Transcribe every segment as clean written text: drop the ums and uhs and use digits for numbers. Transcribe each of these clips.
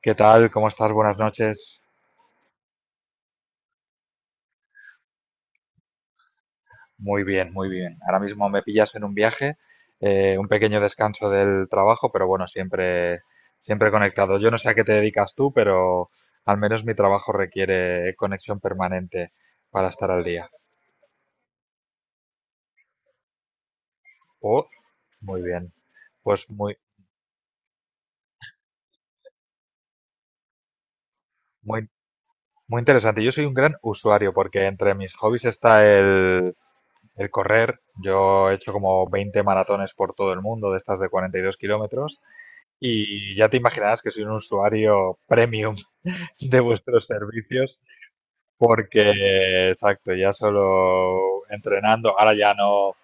¿Qué tal? ¿Cómo estás? Buenas noches. Muy bien, muy bien. Ahora mismo me pillas en un viaje, un pequeño descanso del trabajo, pero bueno, siempre conectado. Yo no sé a qué te dedicas tú, pero al menos mi trabajo requiere conexión permanente para estar al día. Oh, muy bien. Pues muy, muy interesante. Yo soy un gran usuario porque entre mis hobbies está el correr. Yo he hecho como 20 maratones por todo el mundo, de estas de 42 kilómetros. Y ya te imaginarás que soy un usuario premium de vuestros servicios porque, exacto, ya solo entrenando, ahora ya no,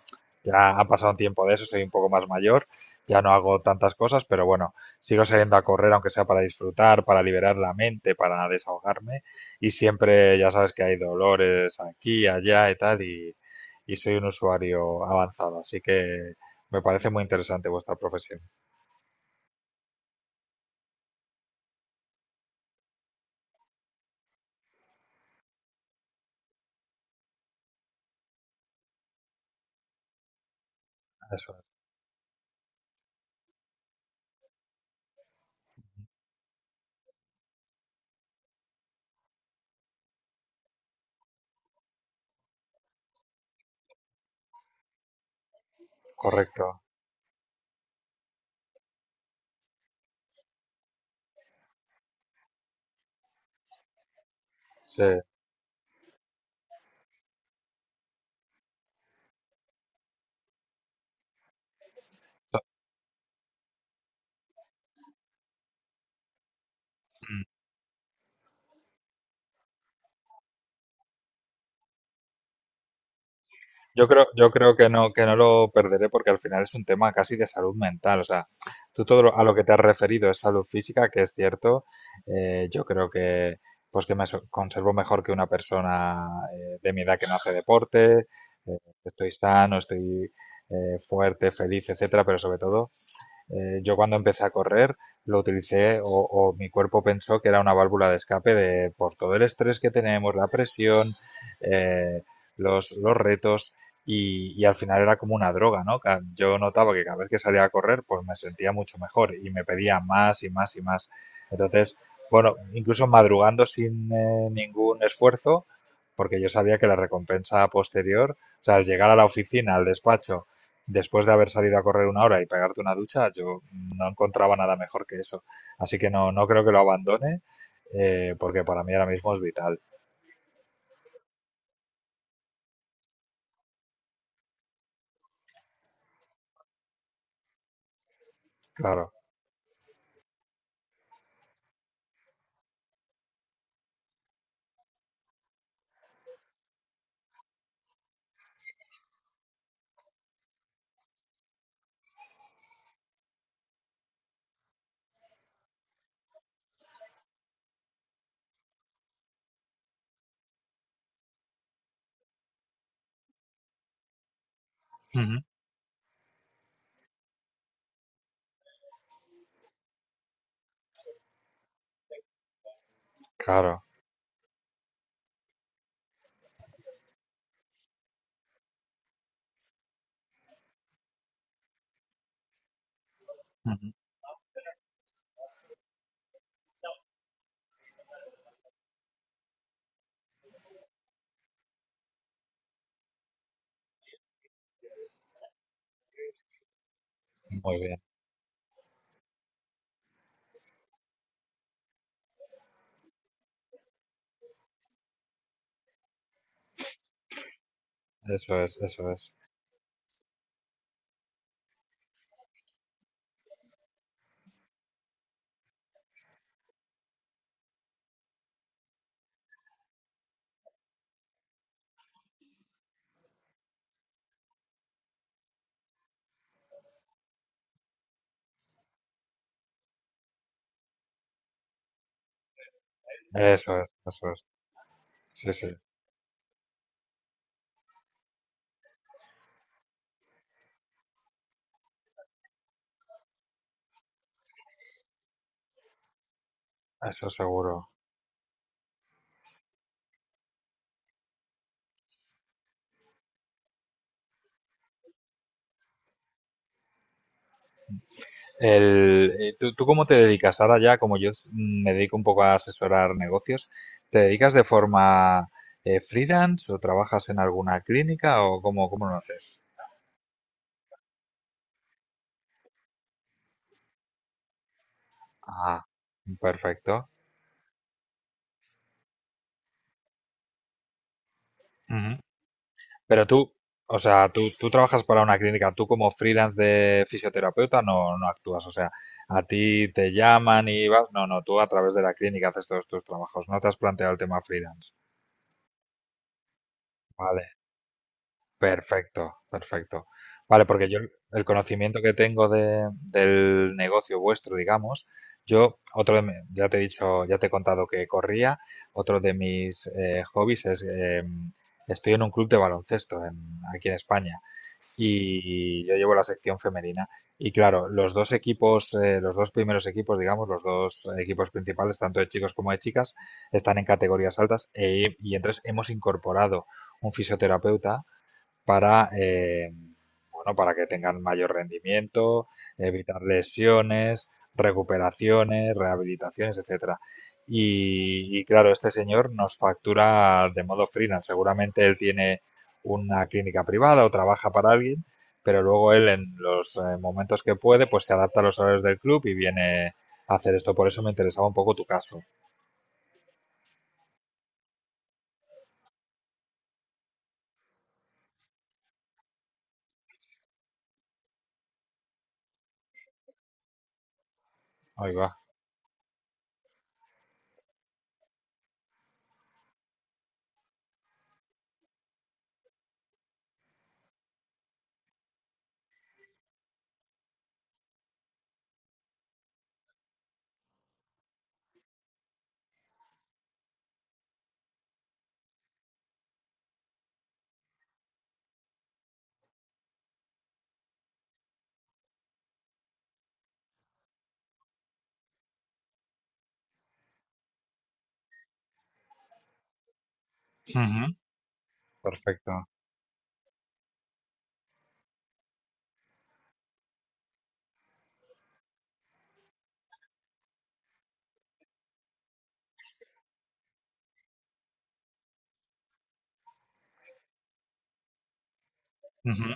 ya ha pasado un tiempo de eso, soy un poco más mayor, ya no hago tantas cosas, pero bueno, sigo saliendo a correr aunque sea para disfrutar, para liberar la mente, para desahogarme y siempre ya sabes que hay dolores aquí, allá y tal y soy un usuario avanzado, así que me parece muy interesante vuestra profesión. Eso, es, correcto. Sí. Mm. Yo creo que no lo perderé porque al final es un tema casi de salud mental. O sea, tú todo a lo que te has referido es salud física, que es cierto. Yo creo que pues que me conservo mejor que una persona de mi edad que no hace deporte. eh, estoy sano, estoy fuerte, feliz, etcétera, pero sobre todo, yo cuando empecé a correr lo utilicé o mi cuerpo pensó que era una válvula de escape de por todo el estrés que tenemos, la presión, eh, los retos y al final era como una droga, ¿no? Yo notaba que cada vez que salía a correr pues me sentía mucho mejor y me pedía más y más y más. Entonces, bueno, incluso madrugando sin ningún esfuerzo, porque yo sabía que la recompensa posterior, o sea, al llegar a la oficina, al despacho, después de haber salido a correr una hora y pegarte una ducha, yo no encontraba nada mejor que eso. Así que no, no creo que lo abandone, porque para mí ahora mismo es vital. Claro. Ujú, claro. Ujú. Muy bien. Eso es, eso es. Eso es, eso es. Sí, sí, eso seguro. El, ¿tú cómo te dedicas? Ahora ya, como yo me dedico un poco a asesorar negocios, ¿te dedicas de forma freelance o trabajas en alguna clínica o cómo, cómo lo haces? Ah, perfecto. Ujú. Pero tú, o sea, tú trabajas para una clínica, tú como freelance de fisioterapeuta no, no actúas, o sea, a ti te llaman y vas, no, no, tú a través de la clínica haces todos tus trabajos, no te has planteado el tema freelance. Vale, perfecto, perfecto. Vale, porque yo el conocimiento que tengo de, del negocio vuestro, digamos, yo, otro de, ya te he dicho, ya te he contado que corría, otro de mis hobbies es, estoy en un club de baloncesto aquí en España. Y yo llevo la sección femenina. Y claro, los dos equipos, los dos primeros equipos, digamos, los dos equipos principales, tanto de chicos como de chicas, están en categorías altas y entonces hemos incorporado un fisioterapeuta para, bueno, para que tengan mayor rendimiento, evitar lesiones, recuperaciones, rehabilitaciones, etcétera. Y claro, este señor nos factura de modo freelance. Seguramente él tiene una clínica privada o trabaja para alguien, pero luego él en los momentos que puede, pues se adapta a los horarios del club y viene a hacer esto. Por eso me interesaba un poco tu caso. Ahí va. Ujú. Perfecto. Ujú.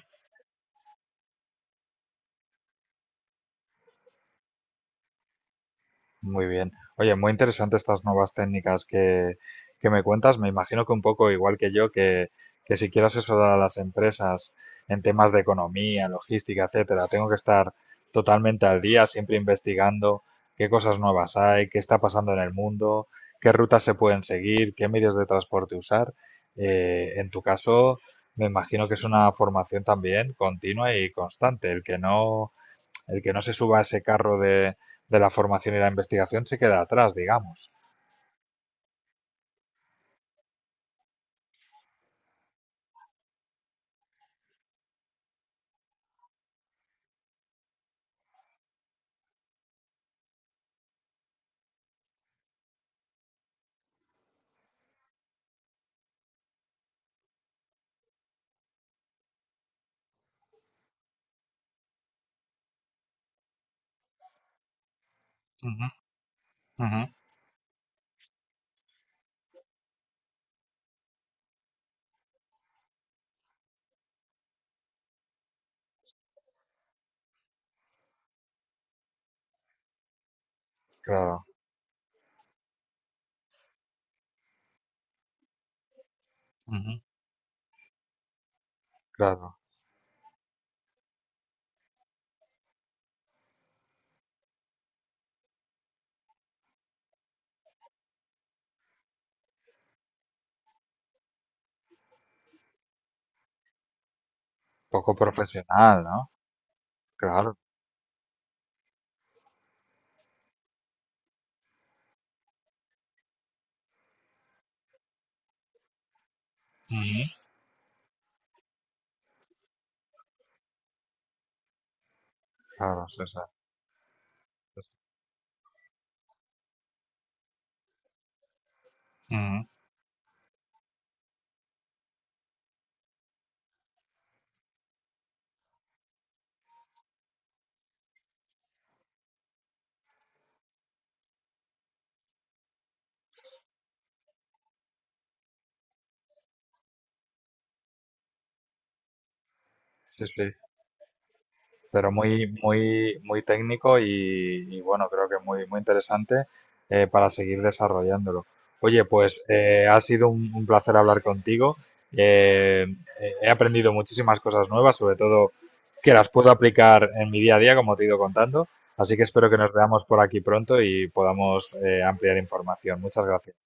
Muy bien. Oye, muy interesante estas nuevas técnicas que me cuentas. Me imagino que un poco igual que yo, que si quiero asesorar a las empresas en temas de economía, logística, etcétera, tengo que estar totalmente al día, siempre investigando qué cosas nuevas hay, qué está pasando en el mundo, qué rutas se pueden seguir, qué medios de transporte usar. En tu caso, me imagino que es una formación también continua y constante. El que no se suba a ese carro de la formación y la investigación se queda atrás, digamos. Ujú, ujú, Claro. Ujú, claro. Poco profesional, ¿no? Claro, ujú, claro, César. Ujú. Sí, sí, pero muy técnico y bueno, creo que muy, muy interesante para seguir desarrollándolo. Oye, pues ha sido un placer hablar contigo. Eh, he aprendido muchísimas cosas nuevas, sobre todo que las puedo aplicar en mi día a día, como te he ido contando. Así que espero que nos veamos por aquí pronto y podamos ampliar información. Muchas gracias.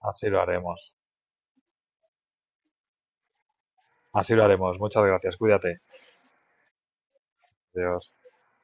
Así lo haremos. Así lo haremos. Muchas gracias. Cuídate. Adiós.